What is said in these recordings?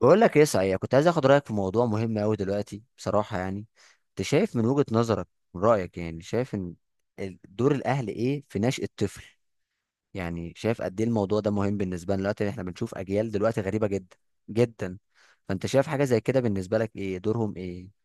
بقول لك ايه، صحيح كنت عايز اخد رايك في موضوع مهم قوي دلوقتي بصراحه. يعني انت شايف من وجهه نظرك؟ من رايك يعني شايف ان دور الاهل ايه في نشأة الطفل؟ يعني شايف قد ايه الموضوع ده مهم بالنسبه لنا دلوقتي؟ احنا بنشوف اجيال دلوقتي غريبه جدا جدا. فانت شايف حاجه زي كده؟ بالنسبه لك ايه دورهم، ايه؟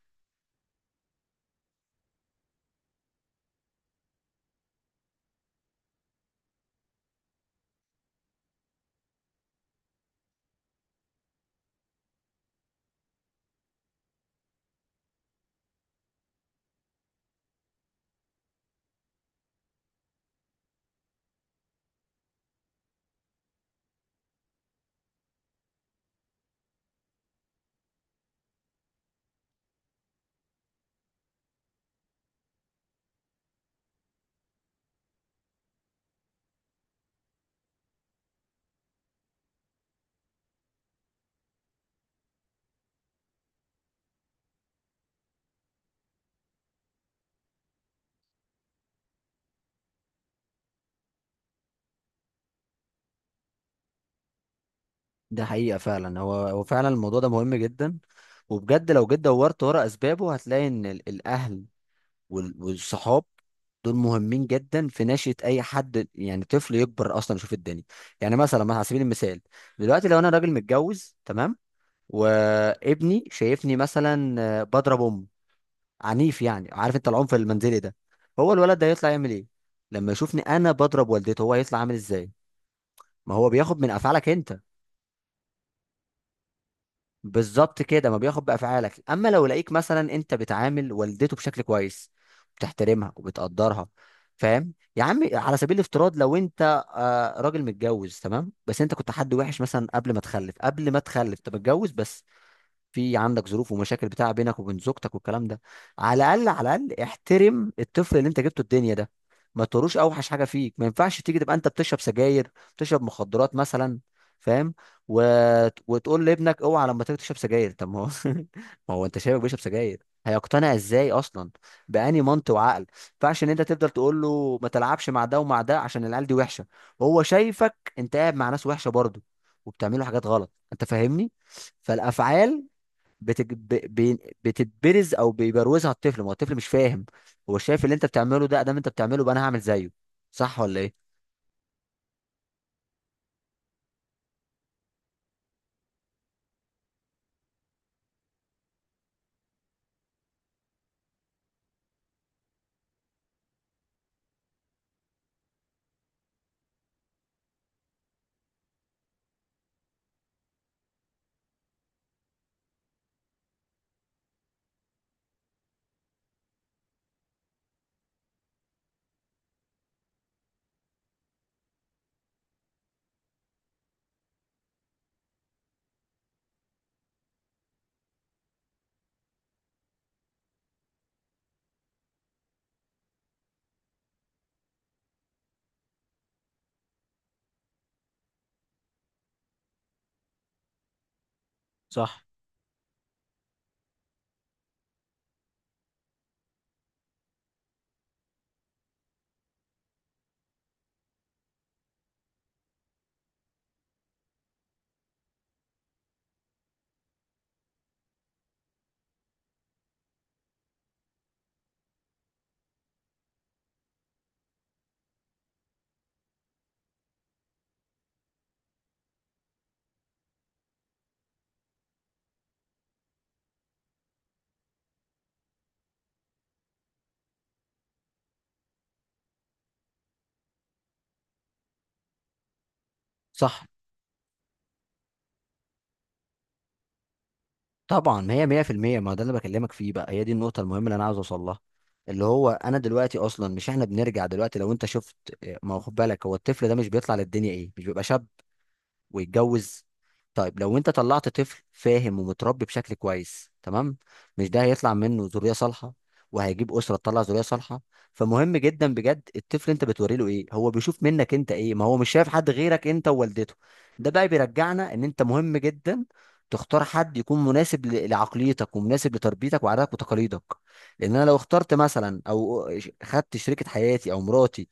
ده حقيقه فعلا. هو فعلا الموضوع ده مهم جدا. وبجد لو جيت دورت ورا اسبابه، هتلاقي ان الاهل والصحاب دول مهمين جدا في نشأة أي حد. يعني طفل يكبر أصلا يشوف الدنيا، يعني مثلا على سبيل المثال، دلوقتي لو أنا راجل متجوز تمام، وابني شايفني مثلا بضرب أم، عنيف، يعني عارف أنت العنف المنزلي ده. هو الولد ده هيطلع يعمل إيه؟ لما يشوفني أنا بضرب والدته، هو هيطلع عامل إزاي؟ ما هو بياخد من أفعالك أنت. بالظبط كده، ما بياخد بافعالك. اما لو لقيك مثلا انت بتعامل والدته بشكل كويس، بتحترمها وبتقدرها، فاهم يا عم؟ على سبيل الافتراض، لو انت راجل متجوز تمام، بس انت كنت حد وحش مثلا قبل ما تخلف انت متجوز بس، في عندك ظروف ومشاكل بتاع بينك وبين زوجتك والكلام ده، على الاقل على الاقل احترم الطفل اللي انت جبته الدنيا ده. ما تروش اوحش حاجه فيك، ما ينفعش تيجي تبقى انت بتشرب سجاير، بتشرب مخدرات مثلا، فاهم؟ و... وتقول لابنك اوعى لما تيجي تشرب سجاير؟ طب ما هو ما هو انت شايفه بيشرب سجاير، هيقتنع ازاي اصلا؟ بأني منطق وعقل، ما ينفعش ان انت تفضل تقول له ما تلعبش مع ده ومع ده عشان العيال دي وحشه، وهو شايفك انت قاعد مع ناس وحشه برضه، وبتعملوا حاجات غلط، انت فاهمني؟ فالافعال بتج... ب... بتتبرز او بيبروزها الطفل. ما هو الطفل مش فاهم. هو شايف اللي انت بتعمله ده، ادام انت بتعمله، بقى انا هعمل زيه. صح ولا ايه؟ صح، صح. طبعا ما هي 100%. ما هو ده اللي بكلمك فيه بقى، هي دي النقطة المهمة اللي أنا عاوز أوصل لها. اللي هو أنا دلوقتي أصلا مش، إحنا بنرجع دلوقتي، لو أنت شفت ما هو خد بالك، هو الطفل ده مش بيطلع للدنيا إيه؟ مش بيبقى شاب ويتجوز؟ طيب لو انت طلعت طفل فاهم ومتربي بشكل كويس تمام، مش ده هيطلع منه ذرية صالحة، وهيجيب أسرة تطلع ذرية صالحة؟ فمهم جدا بجد الطفل انت بتوري له ايه، هو بيشوف منك انت ايه، ما هو مش شايف حد غيرك انت ووالدته. ده بقى بيرجعنا ان انت مهم جدا تختار حد يكون مناسب لعقليتك ومناسب لتربيتك وعاداتك وتقاليدك. لان انا لو اخترت مثلا او خدت شريكة حياتي او مراتي،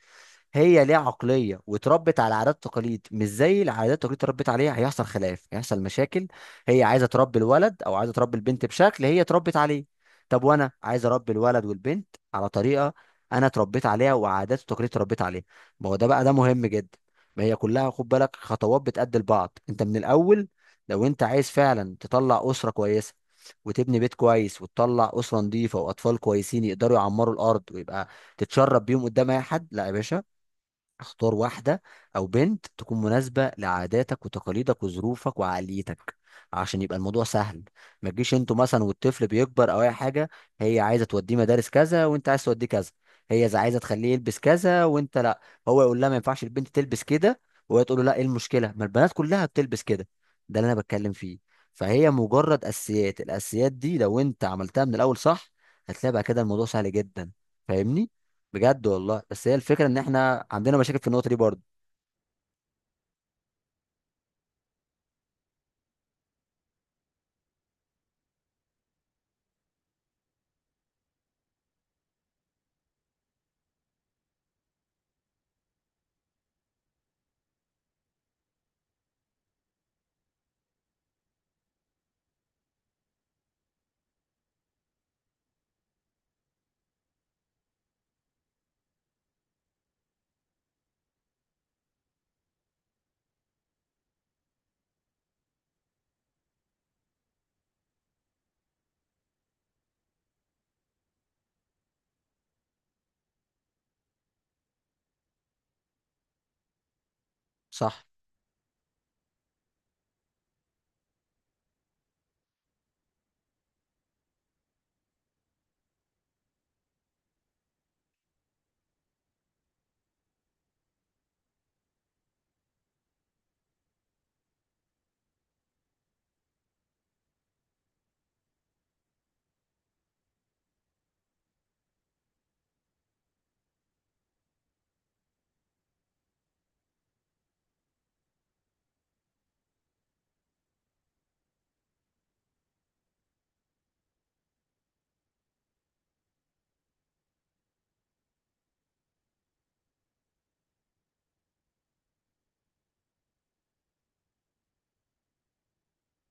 هي ليها عقليه واتربت على عادات تقاليد مش زي العادات التقاليد اتربت عليها، هيحصل خلاف، هيحصل مشاكل. هي عايزه تربي الولد او عايزه تربي البنت بشكل هي اتربت عليه، طب وانا عايز اربي الولد والبنت على طريقه انا اتربيت عليها وعادات وتقاليد اتربيت عليها. ما هو ده بقى، ده مهم جدا. ما هي كلها خد بالك خطوات بتأدي لبعض، انت من الاول لو انت عايز فعلا تطلع اسره كويسه، وتبني بيت كويس، وتطلع اسره نظيفه واطفال كويسين يقدروا يعمروا الارض، ويبقى تتشرب بيهم قدام اي حد، لا يا باشا. اختار واحدة أو بنت تكون مناسبة لعاداتك وتقاليدك وظروفك وعقليتك، عشان يبقى الموضوع سهل. ما تجيش انتوا مثلا والطفل بيكبر أو أي حاجة، هي عايزة توديه مدارس كذا وانت عايز توديه كذا، هي عايزة تخليه يلبس كذا وانت لا، هو يقول لها ما ينفعش البنت تلبس كده، وهي تقول له لا، ايه المشكلة؟ ما البنات كلها بتلبس كده. ده اللي أنا بتكلم فيه. فهي مجرد الأساسيات دي لو انت عملتها من الأول صح، هتلاقي بقى كده الموضوع سهل جدا، فاهمني؟ بجد والله، بس هي الفكره ان احنا عندنا مشاكل في النقطه دي برضه. صح،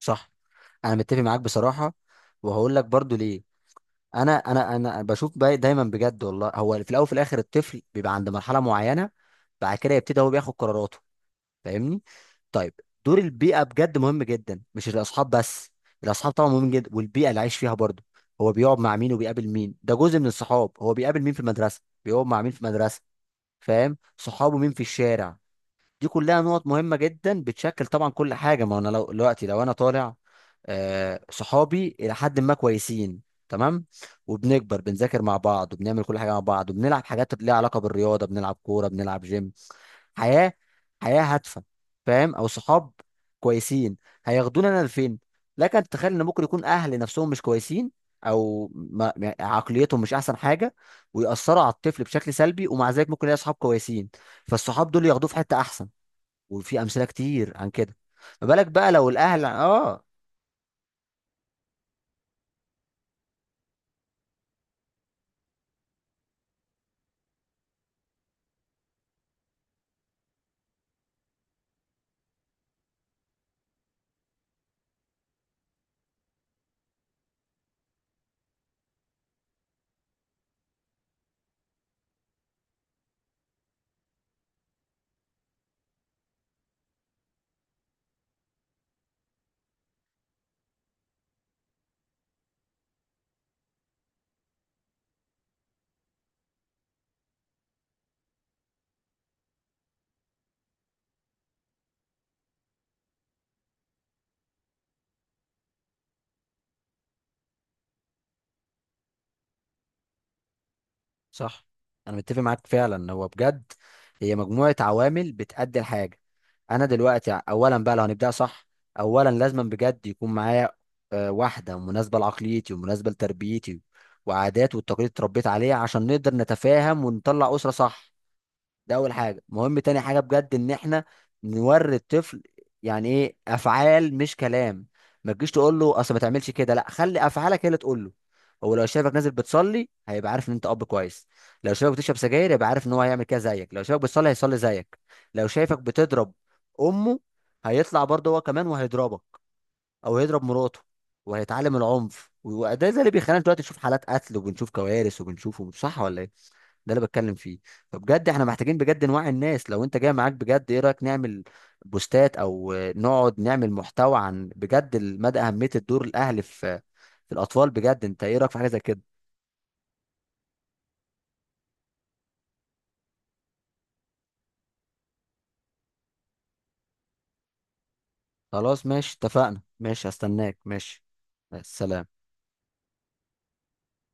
صح. انا متفق معاك بصراحه، وهقول لك برضه ليه. انا بشوف بقى دايما بجد والله، هو في الاول وفي الاخر الطفل بيبقى عند مرحله معينه، بعد كده يبتدي هو بياخد قراراته، فاهمني؟ طيب، دور البيئه بجد مهم جدا، مش الاصحاب بس. الاصحاب طبعا مهم جدا والبيئه اللي عايش فيها برضه. هو بيقعد مع مين وبيقابل مين، ده جزء من الصحاب، هو بيقابل مين في المدرسه، بيقعد مع مين في المدرسه، فاهم؟ صحابه مين في الشارع؟ دي كلها نقط مهمة جدا بتشكل طبعا كل حاجة. ما انا لو دلوقتي، لو انا طالع صحابي الى حد ما كويسين تمام، وبنكبر بنذاكر مع بعض، وبنعمل كل حاجة مع بعض، وبنلعب حاجات ليها علاقة بالرياضة، بنلعب كورة، بنلعب جيم، حياة حياة هادفة، فاهم؟ او صحاب كويسين، هياخدونا انا لفين. لكن تخيل ان ممكن يكون اهل نفسهم مش كويسين، او ما عقليتهم مش احسن حاجة، ويأثروا على الطفل بشكل سلبي، ومع ذلك ممكن يلاقي صحاب كويسين، فالصحاب دول ياخدوه في حتة احسن. وفي امثله كتير عن كده. ما بالك بقى لو الاهل اه. صح. انا متفق معاك فعلا، هو بجد هي مجموعه عوامل بتأدي الحاجه. انا دلوقتي اولا بقى، لو هنبدأ صح، اولا لازم بجد يكون معايا واحده مناسبه لعقليتي ومناسبه لتربيتي وعادات والتقاليد اللي اتربيت عليها، عشان نقدر نتفاهم ونطلع اسره صح. ده اول حاجه مهم. تاني حاجه بجد ان احنا نوري الطفل يعني ايه افعال مش كلام. ما تجيش تقول له اصل ما تعملش كده، لا، خلي افعالك هي اللي تقول له. هو لو شافك نازل بتصلي، هيبقى عارف ان انت اب كويس. لو شافك بتشرب سجاير، يبقى عارف ان هو هيعمل كده زيك. لو شافك بتصلي، هيصلي زيك. لو شايفك بتضرب امه، هيطلع برضه هو كمان وهيضربك، او يضرب مراته. وهيتعلم العنف، وده اللي بيخلينا دلوقتي نشوف حالات قتل، وبنشوف كوارث، وبنشوف. صح ولا ايه؟ ده اللي بتكلم فيه. فبجد احنا محتاجين بجد نوعي الناس. لو انت جاي معاك بجد، ايه رايك نعمل بوستات او نقعد نعمل محتوى عن بجد مدى اهميه الدور الاهلي في الاطفال بجد انت ايه رايك في حاجه زي كده؟ خلاص ماشي اتفقنا، ماشي هستناك، ماشي، السلام.